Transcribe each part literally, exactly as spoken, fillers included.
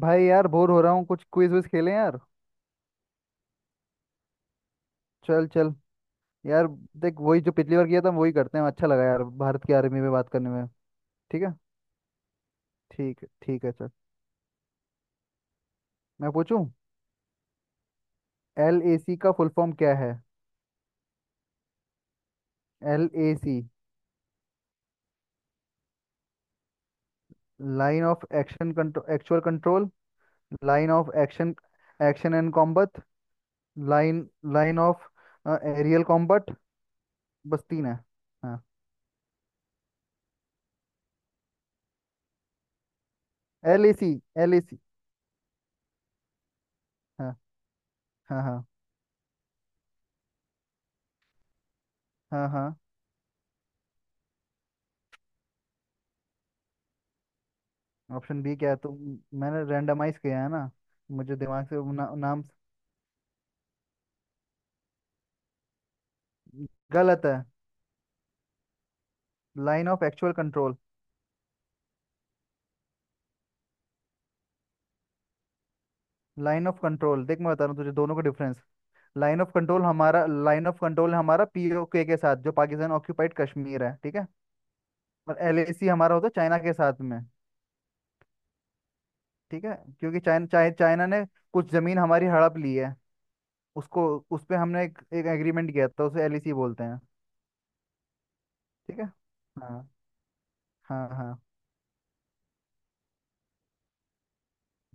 भाई यार बोर हो रहा हूँ कुछ क्विज विज खेलें यार। चल चल यार। देख वही जो पिछली बार किया था वही करते हैं। अच्छा लगा यार भारत की आर्मी में बात करने में। ठीक है ठीक है ठीक है चल। मैं पूछूं। एल ए सी का फुल फॉर्म क्या है? L A C. Line of action control actual control. Line of action. Action and combat. Line line of aerial combat. बस तीन है। हाँ। L A C. L A C. हाँ हाँ हाँ हाँ हाँ। ऑप्शन बी क्या है तो? मैंने रैंडमाइज किया है ना। मुझे दिमाग से वो ना, नाम गलत है। Line of actual control. Line of control. देख मैं बता रहा हूँ तुझे दोनों का डिफरेंस। लाइन ऑफ कंट्रोल हमारा लाइन ऑफ कंट्रोल हमारा पीओके के साथ जो पाकिस्तान ऑक्यूपाइड कश्मीर है, ठीक है। और एलएसी हमारा होता है चाइना के साथ में, ठीक है। क्योंकि चाइना चाइ, चाइना ने कुछ जमीन हमारी हड़प ली है उसको। उस पे हमने एक, एक एग्रीमेंट किया था, उसे एलएसी बोलते हैं। ठीक है। हाँ हाँ हाँ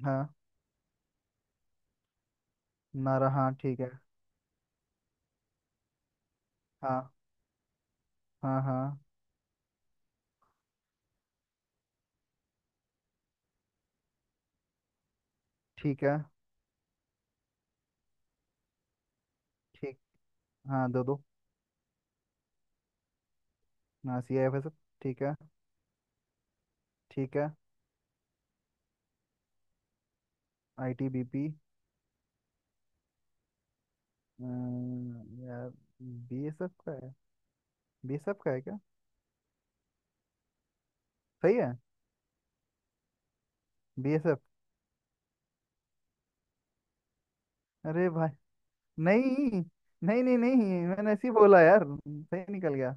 हाँ। नारा हाँ ठीक है। हाँ हाँ हाँ। ठीक है। ठीक। हाँ, दो दो। हाँ C I F S F. ठीक है। ठीक है। I T B P. यार बी एस एफ का है। बी एस एफ का है क्या? सही है। B S F. अरे भाई। नहीं नहीं नहीं। नहीं मैंने ऐसे ही बोला यार, सही निकल गया।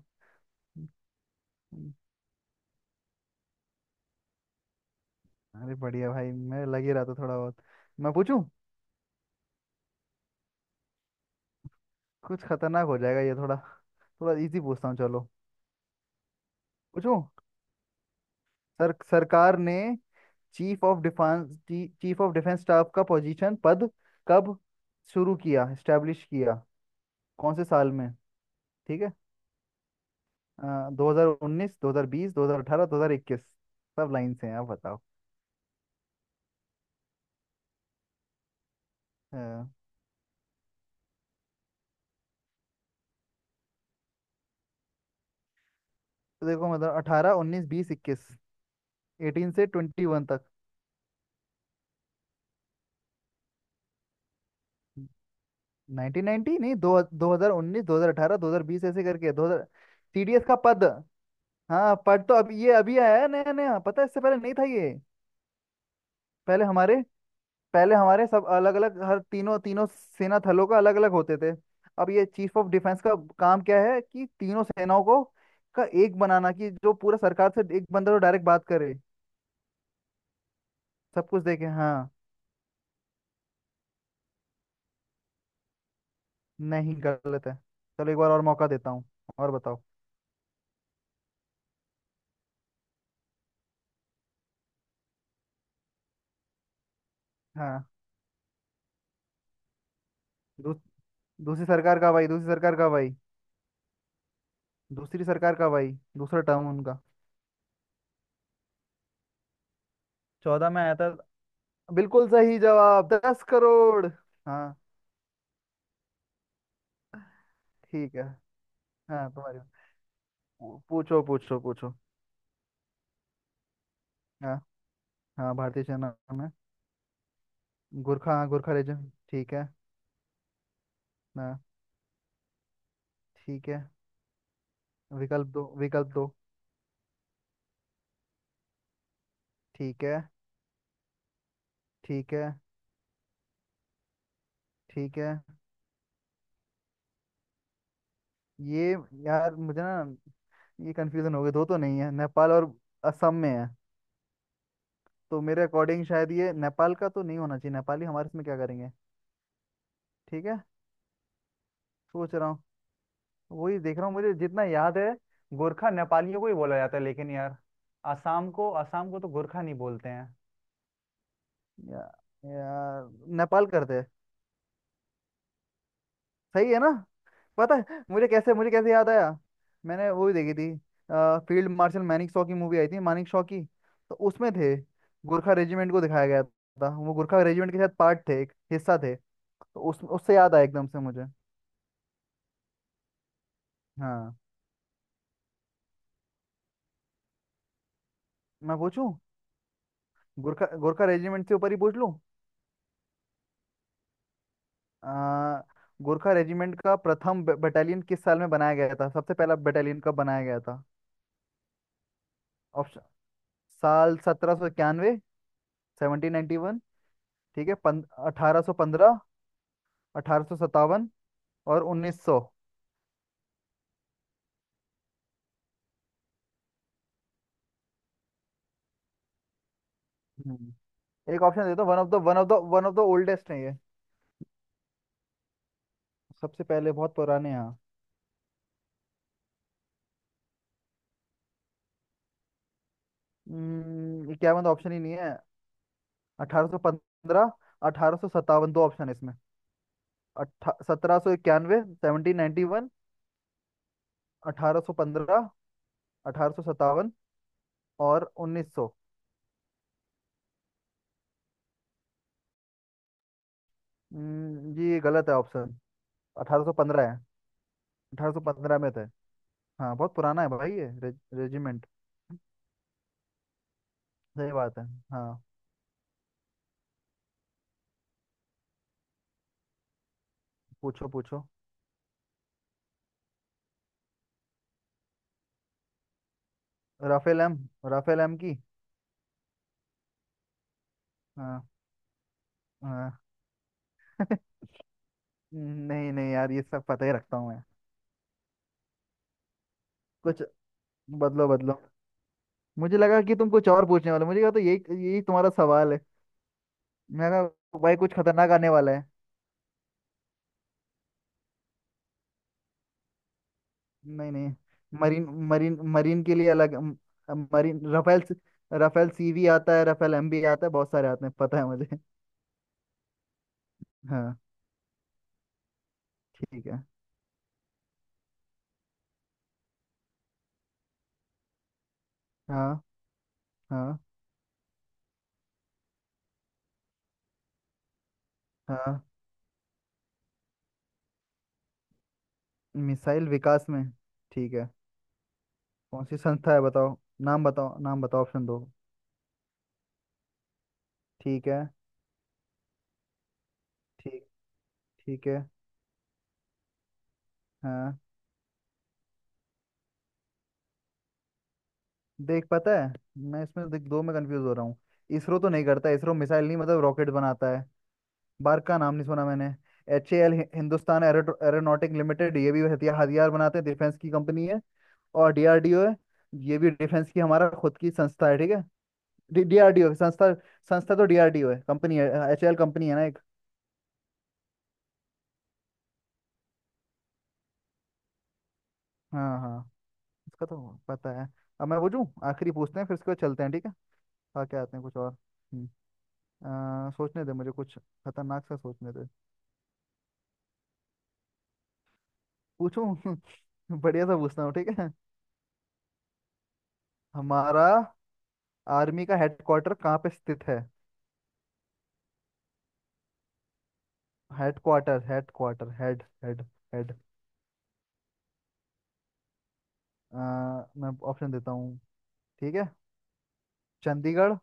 अरे बढ़िया भाई, मैं लग ही रहा था थोड़ा बहुत। मैं पूछूं। कुछ खतरनाक हो जाएगा ये। थोड़ा थोड़ा इजी पूछता हूँ चलो। पूछूं। सर सरकार ने chief of defence, chief of defence staff का पोजीशन पद कब शुरू किया, स्टैब्लिश किया, कौन से साल में? ठीक है। दो हजार उन्नीस, दो हजार बीस, दो हजार अठारह, दो हजार इक्कीस। सब लाइन से हैं, आप बताओ। अ, तो देखो मतलब अठारह, उन्नीस, बीस, इक्कीस। एटीन से ट्वेंटी वन तक। नाइनटीन नाइनटी नहीं दो दो हजार उन्नीस, दो हजार अठारह, दो हजार बीस, ऐसे करके दो हजार। टीडीएस का पद। हाँ पद तो अब ये अभी आया है नया नया, पता है, इससे पहले नहीं था ये। पहले हमारे पहले हमारे सब अलग अलग, हर तीनों तीनों सेना थलों का अलग अलग होते थे। अब ये चीफ ऑफ डिफेंस का काम क्या है कि तीनों सेनाओं को का एक बनाना, कि जो पूरा सरकार से एक बंदा तो डायरेक्ट बात करे, सब कुछ देखे। हाँ। नहीं गलत है। चलो एक बार और मौका देता हूँ। और बताओ। हाँ दू, दूसरी सरकार का भाई, दूसरी सरकार का भाई, दूसरी सरकार का भाई। दूसरा टर्म उनका। चौदह में आया था। बिल्कुल सही जवाब, दस करोड़। हाँ। ठीक है। हाँ तुम्हारी। पूछो पूछो पूछो। हाँ हाँ। भारतीय सेना में। गोरखा, हाँ गोरखा रीजन, ठीक है। हाँ। ठीक है। विकल्प दो, विकल्प दो। ठीक है। ठीक है। ठीक है। ये यार मुझे ना ये कंफ्यूजन हो गई। दो तो नहीं है, नेपाल और असम में है। तो मेरे अकॉर्डिंग शायद ये नेपाल का तो नहीं होना चाहिए, नेपाली हमारे इसमें क्या करेंगे। ठीक है। सोच रहा हूँ। वही देख रहा हूँ, मुझे जितना याद है। गोरखा नेपालियों को ही बोला जाता है, लेकिन यार असम को, असम को तो गोरखा नहीं बोलते हैं। या, या, नेपाल करते हैं। सही है ना। पता है मुझे कैसे, मुझे कैसे याद आया? मैंने वो भी देखी थी। फील्ड मार्शल मैनिक शॉ की मूवी आई थी, मानिक शॉ की, तो उसमें थे गोरखा रेजिमेंट को दिखाया गया था। वो गोरखा रेजिमेंट के साथ पार्ट थे, एक हिस्सा थे। तो उस उससे याद आया एकदम से मुझे। हाँ। मैं पूछूं। गोरखा गोरखा रेजिमेंट से ऊपर ही पूछ लूं। आ, गोरखा रेजिमेंट का प्रथम बटालियन किस साल में बनाया गया था? सबसे पहला बटालियन कब बनाया गया था? ऑप्शन। साल सत्रह सौ इक्यानवे, सेवनटीन नाइन्टी वन। ठीक है। पन, अठारह सौ पंद्रह। अठारह सौ सत्तावन। और उन्नीस सौ। हम्म। एक ऑप्शन दे दो। One of the one of the one of the oldest है ये। सबसे पहले, बहुत पुराने हैं। हम्म, क्या मतलब, ऑप्शन ही नहीं है। अठारह सौ पंद्रह, अठारह सौ सत्तावन दो ऑप्शन है इसमें। अट्ठा सत्रह सौ इक्यानवे, सेवनटीन नाइन्टी वन। अठारह सौ पंद्रह। अठारह सौ सत्तावन। और उन्नीस सौ। हम्म, ये गलत है ऑप्शन। अठारह सौ पंद्रह है। अठारह सौ पंद्रह में थे। हाँ बहुत पुराना है भाई ये रे, रेजिमेंट। सही बात है। हाँ। पूछो पूछो। Rafale M. राफेल एम की। हाँ। हाँ नहीं नहीं यार, ये सब पता ही रखता हूँ मैं। कुछ। बदलो बदलो। मुझे लगा कि तुम कुछ और पूछने वाले हो। मुझे कहा तो यही यही तुम्हारा सवाल है। मैं कहा भाई कुछ खतरनाक आने वाला है। नहीं नहीं। मरीन। मरीन मरीन के लिए अलग अम, अम, मरीन राफेल से- राफेल सीवी आता है, राफेल एमबी आता है, बहुत सारे आते हैं पता है मुझे हाँ। ठीक है। हाँ हाँ हाँ। मिसाइल विकास में। ठीक है। कौन सी संस्था है बताओ? नाम बताओ नाम बताओ, ऑप्शन दो। ठीक है। ठीक। ठीक है। हाँ। देख पता है, मैं इसमें देख दो में कंफ्यूज हो रहा हूँ। इसरो तो नहीं करता, इसरो मिसाइल नहीं मतलब रॉकेट बनाता है। बार्क का नाम नहीं सुना मैंने। H A L Hindustan aeronautic limited, ये भी हथियार हथियार बनाते हैं, डिफेंस की कंपनी है। और डीआरडीओ है, ये भी डिफेंस की हमारा खुद की संस्था है, ठीक है। डीआरडीओ संस्था। संस्था तो डीआरडीओ है, कंपनी है एच ए एल, कंपनी है ना एक। हाँ हाँ। इसका तो पता है। अब मैं पूछूं आखिरी, पूछते हैं फिर उसके बाद चलते हैं ठीक है। आके आते हैं कुछ और। हम्म, आ, सोचने दे मुझे, कुछ खतरनाक सा सोचने दे। पूछूं बढ़िया सा पूछता हूँ ठीक है। हमारा आर्मी का हेडक्वार्टर कहाँ पे स्थित है? Headquarter headquarter head head head. अ, मैं ऑप्शन देता हूँ ठीक है। चंडीगढ़।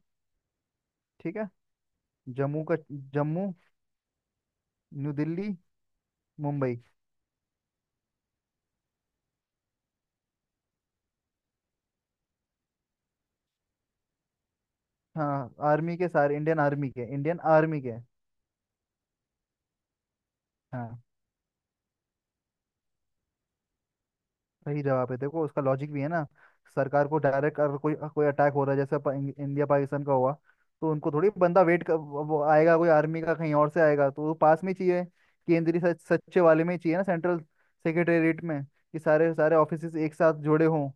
ठीक है। जम्मू का जम्मू। न्यू दिल्ली। मुंबई। हाँ आर्मी के सारे, इंडियन आर्मी के इंडियन आर्मी के। हाँ। सही जवाब है। देखो उसका लॉजिक भी है ना। सरकार को डायरेक्ट अगर कोई कोई अटैक हो रहा है, जैसे अपन- इंडिया पाकिस्तान का हुआ, तो उनको थोड़ी बंदा वेट कर, वो आएगा कोई आर्मी का कहीं और से आएगा, तो वो पास में ही चाहिए। केंद्रीय सच, सच्चे वाले में ही चाहिए ना, सेंट्रल सेक्रेटेरिएट में, कि सारे सारे ऑफिस एक साथ जुड़े हों।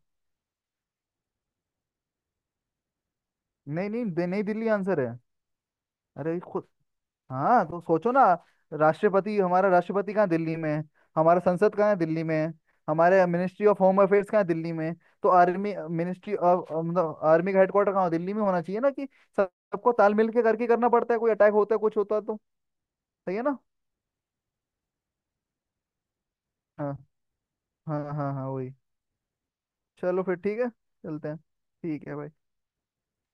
नहीं नहीं दे- नहीं दिल्ली आंसर है। अरे हाँ तो सोचो ना। राष्ट्रपति हमारा राष्ट्रपति कहाँ? दिल्ली में है। हमारा संसद कहाँ है? दिल्ली में है। हमारे मिनिस्ट्री ऑफ होम अफेयर्स कहाँ है? दिल्ली में है। तो आर्मी मिनिस्ट्री ऑफ मतलब आर्मी का हेडक्वार्टर कहाँ हो? दिल्ली में होना चाहिए ना, कि सब- सबको तालमेल के करके करना पड़ता है, कोई अटैक होता है कुछ होता है तो। सही है ना। हाँ हाँ हाँ हाँ वही। चलो फिर ठीक है, चलते हैं ठीक है भाई।